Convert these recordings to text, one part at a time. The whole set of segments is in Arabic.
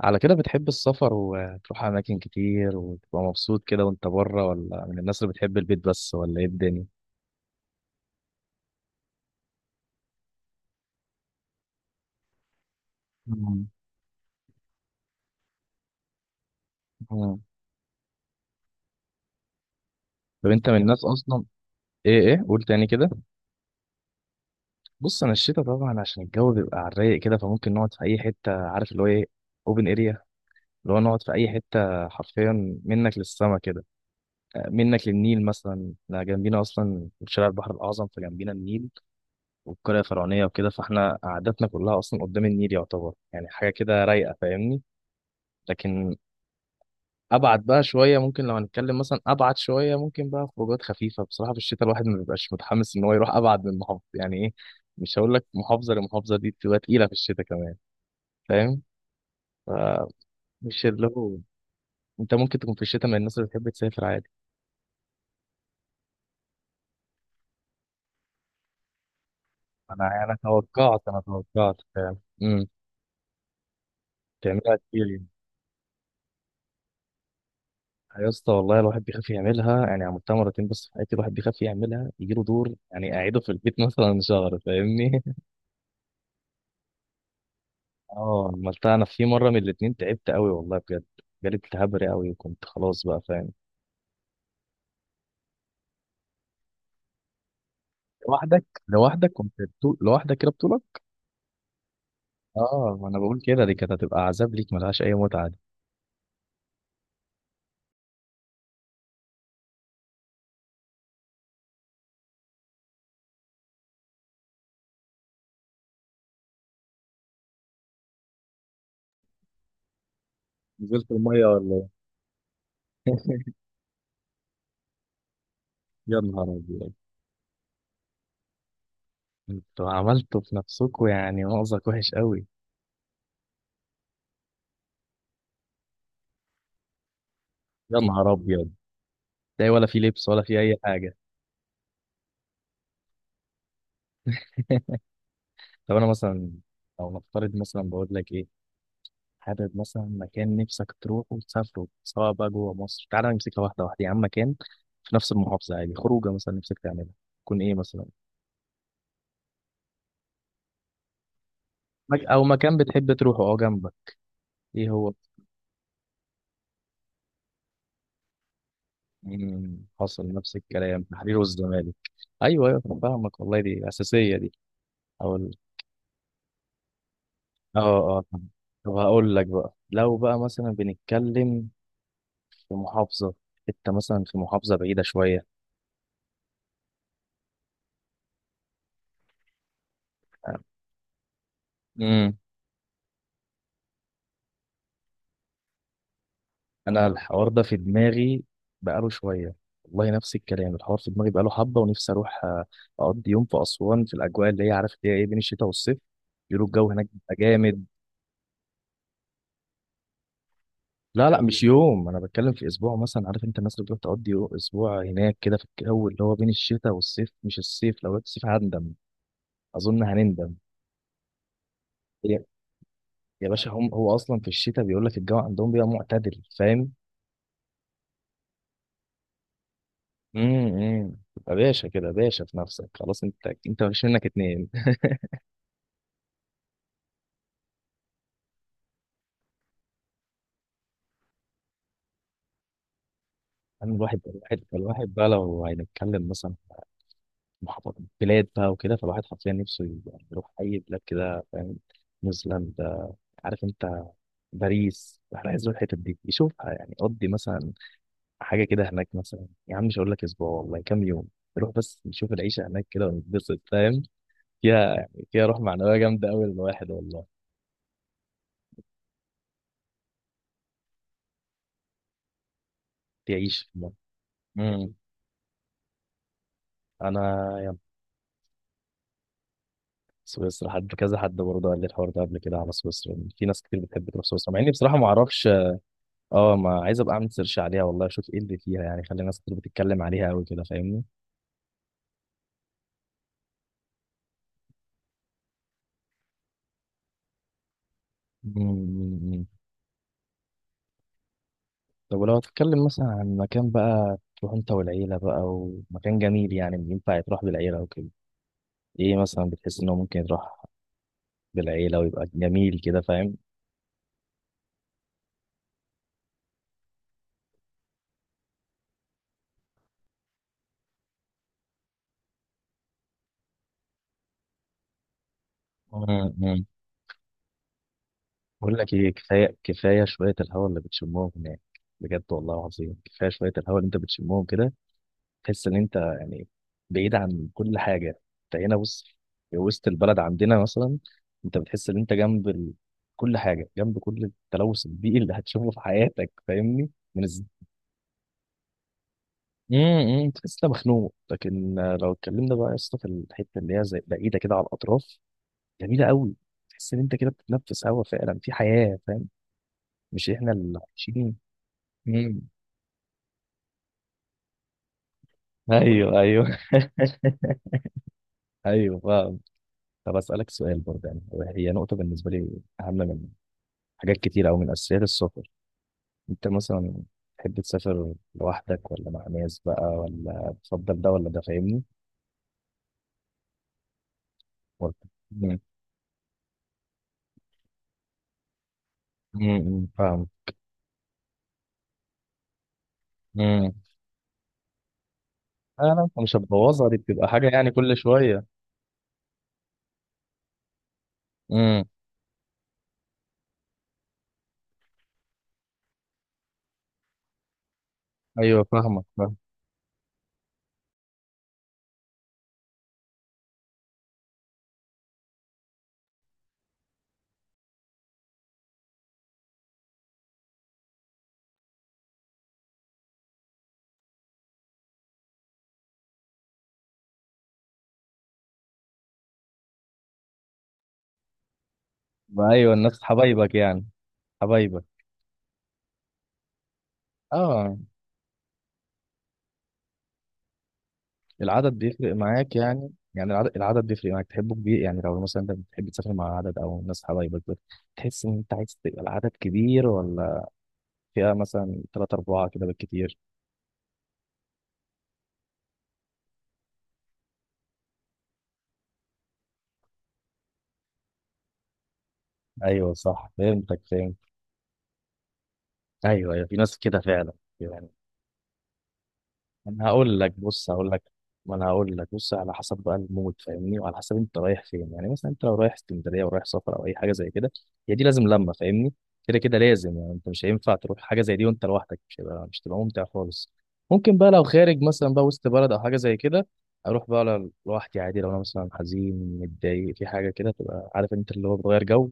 على كده بتحب السفر وتروح أماكن كتير وتبقى مبسوط كده وأنت بره ولا من الناس اللي بتحب البيت بس ولا إيه الدنيا؟ مم. مم. طب أنت من الناس أصلا إيه قول تاني كده. بص أنا الشتا طبعا عشان الجو بيبقى على الرايق كده فممكن نقعد في أي حتة، عارف اللي هو إيه، أوبن إريا، اللي هو نقعد في أي حتة حرفيا منك للسما كده. آه، منك للنيل مثلا، إحنا جنبينا أصلا شارع البحر الأعظم فجنبينا النيل والقرية الفرعونية وكده، فإحنا قعدتنا كلها أصلا قدام النيل، يعتبر يعني حاجة كده رايقة، فاهمني. لكن ابعد بقى شويه، ممكن لو هنتكلم مثلا ابعد شويه، ممكن بقى خروجات خفيفه بصراحه في الشتاء، الواحد ما بيبقاش متحمس ان هو يروح ابعد من محافظه، يعني ايه، مش هقول لك محافظه لمحافظه دي بتبقى تقيله في الشتاء كمان، فاهم، فمش اللي هو انت ممكن تكون في الشتاء من الناس اللي بتحب تسافر عادي. انا توقعت فعلا. امم تعملها كتير يعني. يا اسطى والله الواحد بيخاف يعملها، يعني عملتها مرتين بس في حياتي، الواحد بيخاف يعملها يجيله دور يعني اعيده في البيت مثلا شهر، فاهمني. اه عملتها انا في مره من الاتنين تعبت قوي والله بجد، جالي التهاب رئوي وكنت خلاص بقى، فاهم. لوحدك كده بطولك؟ اه ما انا بقول كده، دي كانت هتبقى عذاب ليك ملهاش اي متعه دي. نزلت الميه ولا ايه؟ يا نهار ابيض، انتوا عملتوا في نفسكوا يعني مأزق وحش قوي. يا نهار ابيض، تلاقي ولا في لبس ولا في اي حاجه. طب انا مثلا لو نفترض مثلا، بقول لك ايه، حابب مثلا مكان نفسك تروحه وتسافره سواء بقى جوه مصر، تعالى نمسكها واحده واحده يا عم، مكان في نفس المحافظة عادي، خروجة مثلا نفسك تعملها تكون ايه مثلا، مك... او مكان بتحب تروحه اه جنبك، ايه هو؟ مم، حصل نفس الكلام، تحرير والزمالك، ايوه ايوه أنا فاهمك والله دي اساسية دي. او ال- اه اه فاهم. طب هقول لك بقى، لو بقى مثلا بنتكلم في محافظة، انت مثلا في محافظة بعيدة شوية، انا الحوار ده في دماغي بقاله شويه، والله نفس الكلام، الحوار في دماغي بقاله حبه، ونفسي اروح آه، اقضي يوم في اسوان في الاجواء اللي هي، عارف اللي هي ايه، بين الشتاء والصيف، بيقولوا الجو هناك بيبقى جامد. لا لا مش يوم، انا بتكلم في اسبوع مثلا، عارف انت الناس اللي بتروح تقضي اسبوع هناك كده في الجو اللي هو بين الشتاء والصيف، مش الصيف، لو رحت الصيف هندم، اظن هنندم. يا يا باشا، هم هو اصلا في الشتاء بيقول لك الجو عندهم بيبقى معتدل، فاهم. تبقى باشا كده، باشا في نفسك خلاص، انت مفيش منك اتنين يعني. الواحد بقى لو هنتكلم مثلا في محافظ- بلاد بقى وكده، فالواحد حرفيا نفسه يبقى يروح أي بلاد كده، فاهم. نيوزيلندا، عارف أنت، باريس، احنا عايز نروح الحتت دي يشوفها، يعني قضي مثلا حاجة كده هناك مثلا يا عم، مش هقول لك أسبوع والله، كام يوم نروح بس نشوف العيشة هناك كده ونتبسط، فاهم، فيها يعني فيها روح معنوية جامدة أوي للواحد والله. تعيش في مصر. امم. انا سويسرا، حد كذا، حد برضه قال لي الحوار ده قبل كده على سويسرا، إن في ناس كتير بتحب تروح سويسرا مع اني بصراحه ما اعرفش. اه ما عايز ابقى اعمل سيرش عليها والله اشوف ايه اللي فيها يعني، خلي ناس كتير بتتكلم عليها قوي كده، فاهمني. مم، مم، مم. طب ولو هتتكلم مثلا عن مكان بقى تروح انت والعيله بقى، ومكان جميل يعني ينفع يتروح بالعيله وكده، ايه مثلا بتحس انه ممكن يروح بالعيله ويبقى جميل كده، فاهم. مم، مم. بقول لك ايه، كفايه كفايه شويه الهواء اللي بتشمهم هناك، بجد والله العظيم، كفايه شويه الهواء اللي انت بتشمهم كده، تحس ان انت يعني بعيد عن كل حاجه. انت هنا، بص، في وسط البلد عندنا مثلا، انت بتحس ان انت كل حاجه جنب كل التلوث البيئي اللي هتشوفه في حياتك، فاهمني، من الز... تحس انت مخنوق. لكن آه، لو اتكلمنا بقى يا اسطى في الحته اللي هي زي بعيده كده على الاطراف، جميله قوي، تحس ان انت كده بتتنفس هوا فعلا في حياه، فاهم، مش احنا اللي عايشين. امم. ايوه ايوه. ايوه فاهم. طب اسالك سؤال برضه يعني، هي نقطه بالنسبه لي اهم منها حاجات كتير أوي من أساسيات السفر، أنت مثلا تحب تسافر لوحدك ولا مع ناس بقى، ولا تفضل ده ولا ده فاهمني؟ ولا. مم. مم. مم. فاهم. مم. أنا أنت مش هتبوظها دي بتبقى حاجة يعني كل شوية. مم. أيوه فاهمك فاهم. أيوه الناس حبايبك يعني، حبايبك، اه. العدد بيفرق معاك يعني، العدد بيفرق معاك، تحبه كبير؟ يعني لو مثلا انت بتحب تسافر مع عدد او ناس حبايبك، تحس ان انت عايز تبقى العدد كبير ولا فئة مثلا ثلاثة أربعة كده بالكتير؟ ايوه صح فهمتك فهمت. ايوه ايوه في ناس كده فعلا يعني. انا هقول لك بص هقول لك ما انا هقول لك بص، على حسب بقى المود، فاهمني، وعلى حسب انت رايح فين، يعني مثلا انت لو رايح اسكندريه ورايح سفر او اي حاجه زي كده، هي دي لازم لمه، فاهمني، كده كده لازم، يعني انت مش هينفع تروح حاجه زي دي وانت لوحدك، مش هيبقى، مش تبقى ممتع خالص. ممكن بقى لو خارج مثلا بقى وسط بلد او حاجه زي كده، اروح بقى لوحدي عادي، لو انا مثلا حزين متضايق في حاجه كده، تبقى عارف انت اللي هو بتغير جو،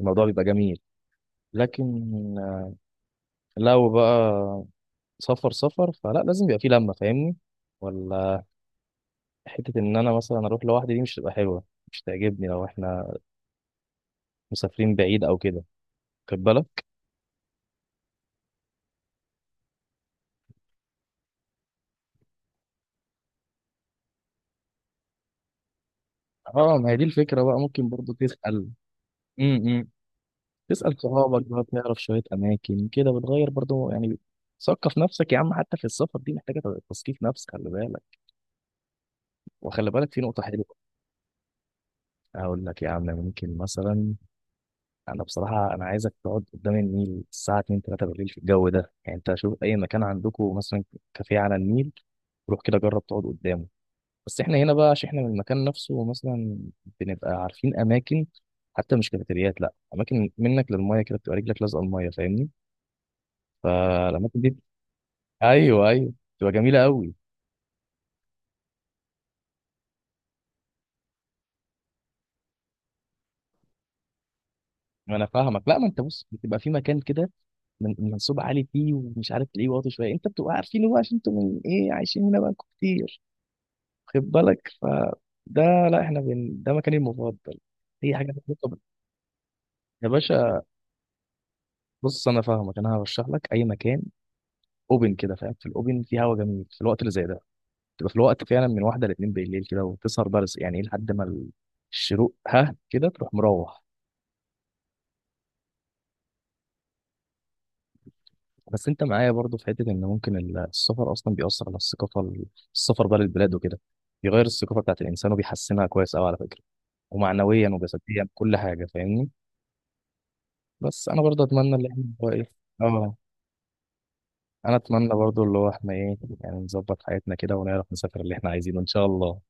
الموضوع بيبقى جميل. لكن لو بقى سفر سفر فلا، لازم يبقى فيه لمة، فاهمني، ولا حتة إن أنا مثلا أروح لوحدي دي مش هتبقى حلوة، مش تعجبني لو إحنا مسافرين بعيد أو كده، خد بالك. اه ما هي دي الفكرة بقى، ممكن برضو تسأل، امم، تسأل صحابك بقى، تعرف شوية أماكن كده بتغير برضو يعني، ثقف نفسك يا عم، حتى في السفر دي محتاجة تثقيف نفس، خلي بالك، وخلي بالك في نقطة حلوة. هقول لك يا عم، ممكن مثلا، انا بصراحه انا عايزك تقعد قدام النيل الساعه 2 3 بالليل في الجو ده، يعني انت شوف اي مكان عندكم مثلا كافيه على النيل، روح كده جرب تقعد قدامه. بس احنا هنا بقى عشان احنا من المكان نفسه مثلا، بنبقى عارفين اماكن، حتى مش كافيتريات، لا اماكن منك للميه كده، بتبقى رجلك لازقه الميه، فاهمني، فالاماكن دي. ايوه ايوه بتبقى جميله قوي. ما انا فاهمك، لا ما انت بص بتبقى في مكان كده من منسوب عالي فيه، ومش عارف تلاقيه واطي شويه، انت بتبقى عارفينه بقى عشان انتوا من ايه عايشين هنا بقى كتير، خد بالك، فده. لا احنا بن... ده مكاني المفضل. اي حاجه لها علاقة يا باشا، بص انا فاهمك، انا هرشح لك اي مكان اوبن كده، فاهم، في الاوبن في هوا جميل في الوقت اللي زي ده، تبقى في الوقت فعلا من واحده لاتنين بالليل كده، وتسهر بقى يعني ايه، لحد ما الشروق، ها كده تروح مروح. بس انت معايا برضو في حته ان ممكن السفر اصلا بيأثر على الثقافه، السفر بقى للبلاد وكده بيغير الثقافه بتاعت الانسان وبيحسنها كويس قوي على فكره، ومعنويا وجسديا كل حاجه، فاهمني. بس انا برضه اتمنى ان احنا هو ايه، اه، انا اتمنى برضو اللي هو احنا ايه، يعني نظبط حياتنا كده ونعرف نسافر اللي احنا عايزينه ان شاء الله.